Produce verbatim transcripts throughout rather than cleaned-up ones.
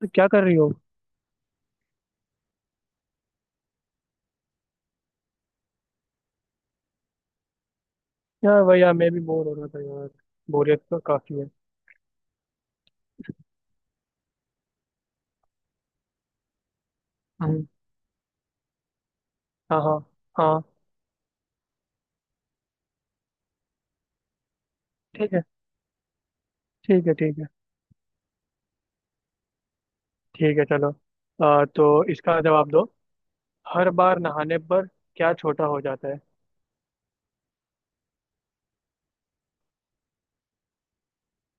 तो क्या कर रही हो? यार वही यार, मैं भी बोर हो रहा था यार। बोरियत तो काफी है। हम्म, हाँ हाँ। हाँ। ठीक है ठीक है। ठीक है। ठीक है चलो। आ, तो इसका जवाब दो। हर बार नहाने पर क्या छोटा हो जाता है?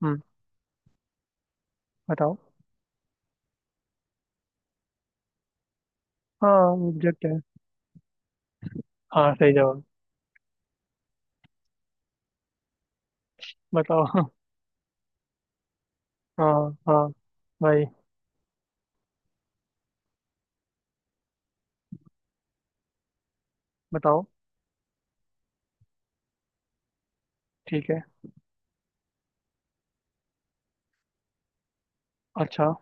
हम्म, बताओ। हाँ, ऑब्जेक्ट है। हाँ, सही जवाब। बताओ हाँ हाँ भाई, बताओ। ठीक है। अच्छा।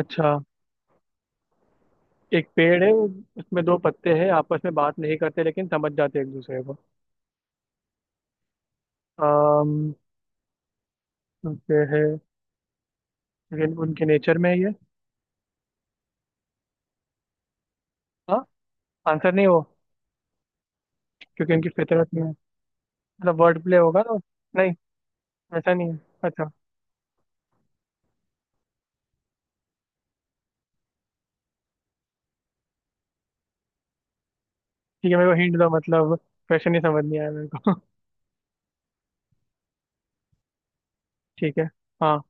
अच्छा, एक पेड़ है उसमें दो पत्ते हैं, आपस में बात नहीं करते लेकिन समझ जाते हैं एक दूसरे को। आम, पेड़ है, लेकिन उनके नेचर में ही है ये। हाँ, आंसर नहीं वो। क्योंकि उनकी फितरत में है। मतलब वर्ड प्ले होगा तो। नहीं, ऐसा नहीं है। अच्छा। ठीक है, मेरे को हिंट दो, मतलब क्वेश्चन ही समझ नहीं आया मेरे को। ठीक है। हाँ।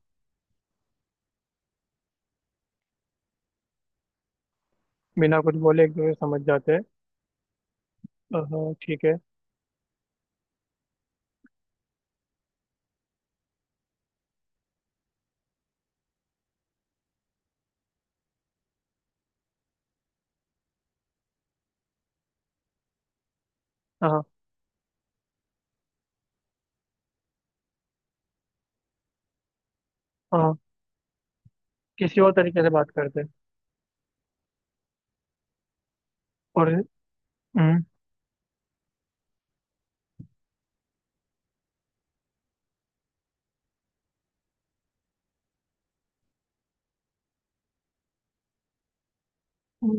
बिना कुछ बोले एक दूसरे से समझ जाते हैं। अह, ठीक है। हाँ। हाँ, किसी और तरीके से बात करते हैं। और। हम्म,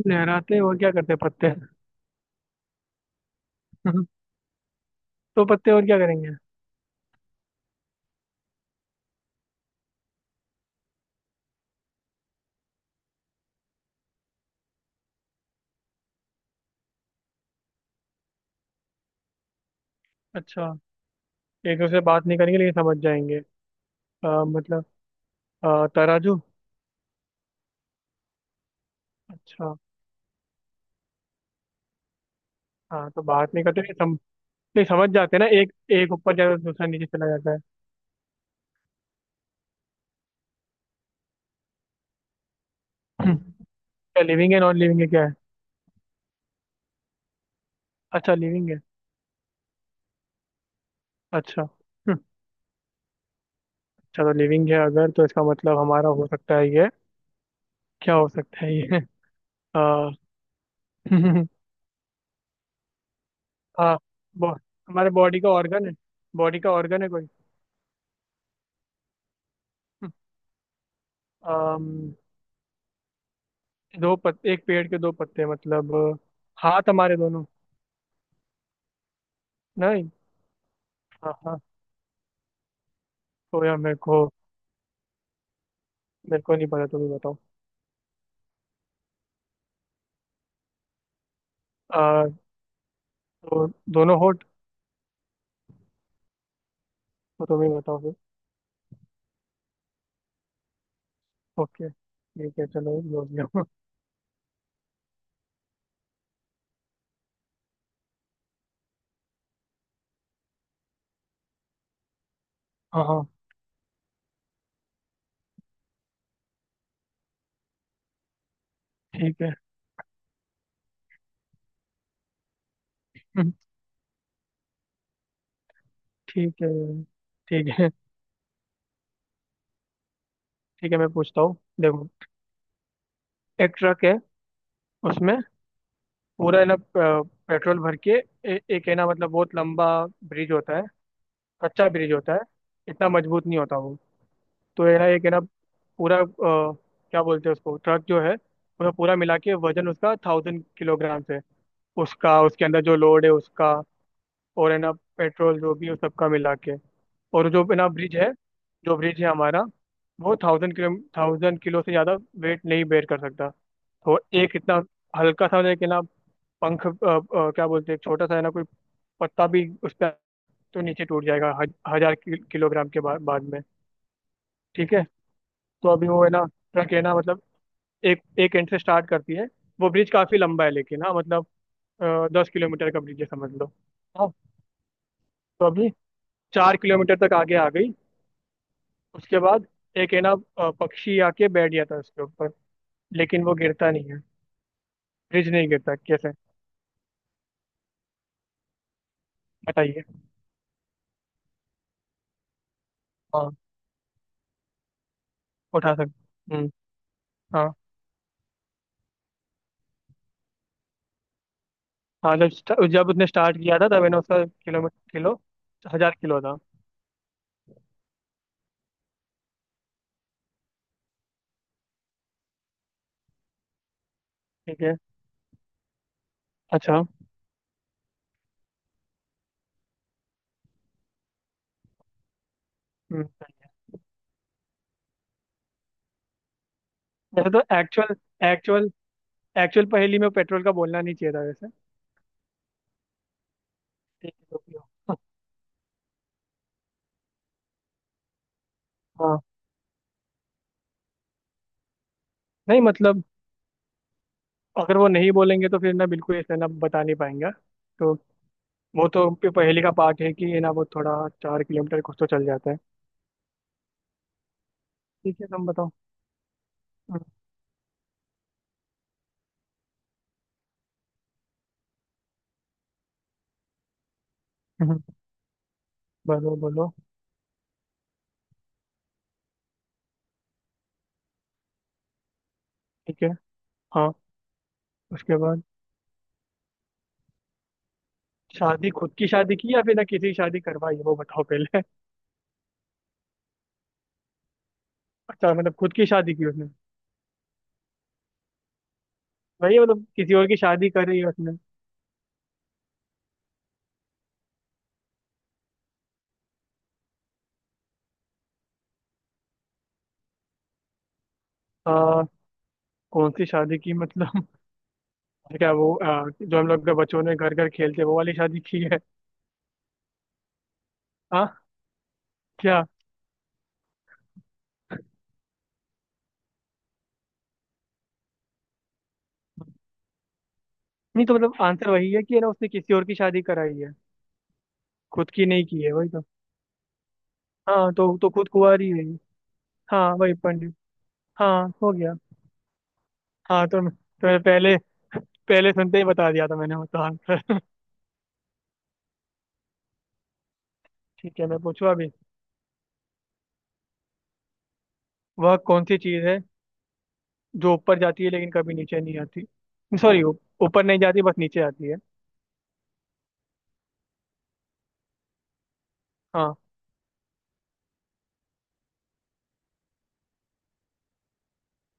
लहराते और क्या करते हैं? पत्ते। तो पत्ते और क्या करेंगे। अच्छा, एक दूसरे से बात नहीं करेंगे लेकिन समझ जाएंगे। अह, मतलब अह, तराजू। अच्छा। हाँ तो बात नहीं करते लेकिन सम, नहीं, समझ जाते हैं ना, एक एक ऊपर जाता है दूसरा नीचे चला जाता है। हम्म, क्या लिविंग है, नॉन लिविंग है, क्या है? अच्छा, लिविंग है। अच्छा। हम्म, चलो लिविंग है अगर, तो इसका मतलब हमारा हो सकता है ये। क्या हो सकता है ये आ, हाँ। बो, हमारे बॉडी का ऑर्गन है। बॉडी का ऑर्गन है कोई। हम्म, अम, दो पत, एक पेड़ के दो पत्ते, मतलब हाथ हमारे दोनों। नहीं। हाँ हाँ। तो यार मेरे को, मेरे को नहीं पता, तुम ही बताओ। आ, तो दोनों होठ। तो तुम ही बताओ फिर। ओके ठीक है चलो, बोल दिया। हाँ हाँ। ठीक है ठीक है। ठीक है, ठीक है मैं पूछता हूँ देखो। एक ट्रक है, उसमें पूरा है ना प- पेट्रोल भर के। ए, एक है ना, मतलब बहुत लंबा ब्रिज होता है, कच्चा ब्रिज होता है, इतना मजबूत नहीं होता वो। तो है ना, एक है ना पूरा, अ, क्या बोलते हैं उसको, ट्रक जो है उसमें पूरा मिला के वजन उसका थाउजेंड किलोग्राम है। उसका, उसके अंदर जो लोड है उसका, और है ना पेट्रोल जो भी है, उस सबका मिला के। और जो बिना ब्रिज है, जो ब्रिज है हमारा, वो थाउजेंड किलो, थाउजेंड किलो से ज़्यादा वेट नहीं बेयर कर सकता। तो एक इतना हल्का सा, एक है ना पंख, अ, अ, क्या बोलते हैं, एक छोटा सा है ना कोई पत्ता भी उस पर, तो नीचे टूट जाएगा हज, हजार किल- किलोग्राम के बा, बाद में। ठीक है। तो अभी वो है ना ट्रक है ना, मतलब एक एक एंड से स्टार्ट करती है। वो ब्रिज काफ़ी लंबा है, लेकिन हाँ मतलब दस किलोमीटर का ब्रिज है समझ लो। हाँ। तो अभी चार किलोमीटर तक आगे आ गई। उसके बाद एक है ना अ, पक्षी आके बैठ गया था उसके ऊपर, लेकिन वो गिरता नहीं है। फ्रिज नहीं गिरता, कैसे? बताइए। हाँ, उठा सकते, हम्म। हाँ, हाँ जब स्ट- जब उसने स्टार्ट किया था तब है ना उसका किलोमीटर किलो, हजार किलो था। ठीक है। अच्छा। हम्म। वैसे तो एक्चुअल एक्चुअल एक्चुअल पहेली में पेट्रोल का बोलना नहीं चाहिए था वैसे। ठीक है, जो भी हो। हाँ। नहीं मतलब, अगर वो नहीं बोलेंगे तो फिर ना, बिल्कुल ऐसे ना बता नहीं पाएंगे। तो वो तो पहेली का पार्ट है कि ये ना, वो थोड़ा चार किलोमीटर कुछ तो चल जाता है। ठीक है तुम बताओ। हम्म, हम्म, बोलो बोलो। ठीक है। हाँ उसके बाद। शादी खुद की शादी की या फिर ना किसी की शादी करवाई है, वो बताओ पहले। अच्छा मतलब खुद की शादी की उसने। वही मतलब किसी और की शादी करी है उसने। आ, कौन सी शादी की मतलब? क्या वो आ, जो हम लोग के बच्चों ने घर घर खेलते हैं, वो वाली शादी की है? हाँ। क्या? नहीं तो मतलब आंसर वही है कि है ना उसने किसी और की शादी कराई है। खुद की नहीं की है, वही तो। हाँ तो तो खुद कुंवारी है ये। हाँ वही पंडित। हाँ हो गया। हाँ तो तो मैंने पहले पहले सुनते ही बता दिया था मैंने उसका आंसर। ठीक है मैं पूछूं अभी। वह कौन सी चीज है जो ऊपर जाती है लेकिन कभी नीचे नहीं आती? सॉरी, ऊपर नहीं जाती बस नीचे आती है। हाँ,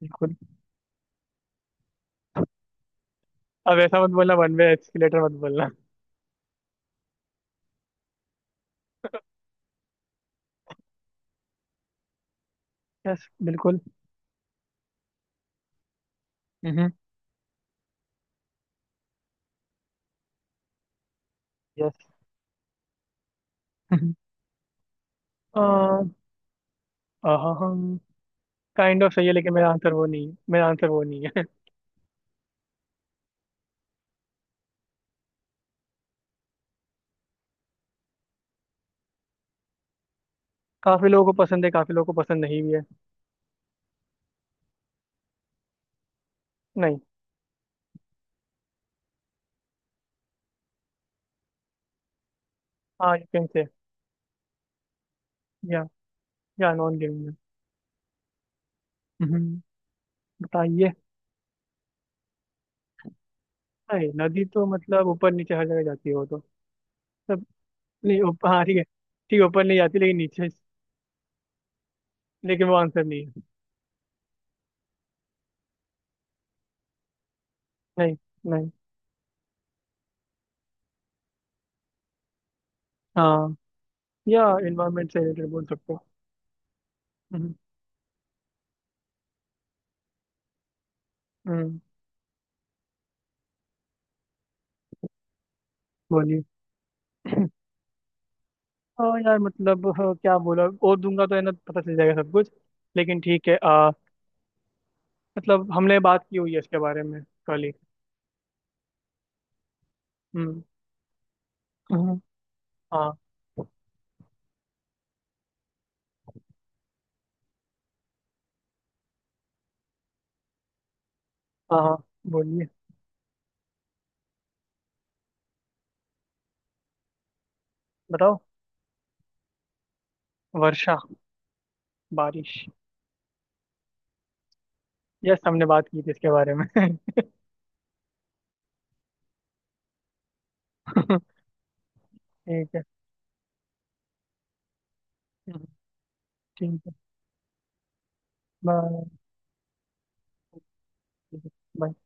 बिल्कुल। अब ऐसा मत बोलना, वन वे एस्केलेटर मत बोलना। यस बिल्कुल। हम्म। यस। हम्म, काइंड ऑफ सही है, लेकिन मेरा आंसर वो नहीं है, मेरा आंसर वो नहीं है। काफी लोगों को पसंद है, काफी लोगों को पसंद नहीं भी है। नहीं। हाँ यू कैन से। या। या नॉन गेमिंग है। हम्म, बताइए। नहीं, नदी तो मतलब ऊपर नीचे हर जगह जाती है वो तो। नहीं ऊपर, हाँ ठीक है ठीक है, ऊपर नहीं जाती लेकिन नीचे। लेकिन वो आंसर नहीं है। नहीं। नहीं, हाँ, या इन्वायरमेंट से रिलेटेड बोल सकते हो। हम्म। हम्म, बोलिए। हाँ यार मतलब, हाँ, क्या बोला और दूंगा तो है ना पता चल जाएगा सब कुछ। लेकिन ठीक है आ, मतलब हमने बात की हुई है इसके बारे में कल ही। हम्म। हम्म, हाँ। हाँ, हाँ, बोलिए। बताओ। वर्षा। बारिश। यस, हमने बात की थी इसके बारे में ठीक है। हम्म, ठीक है। बाय।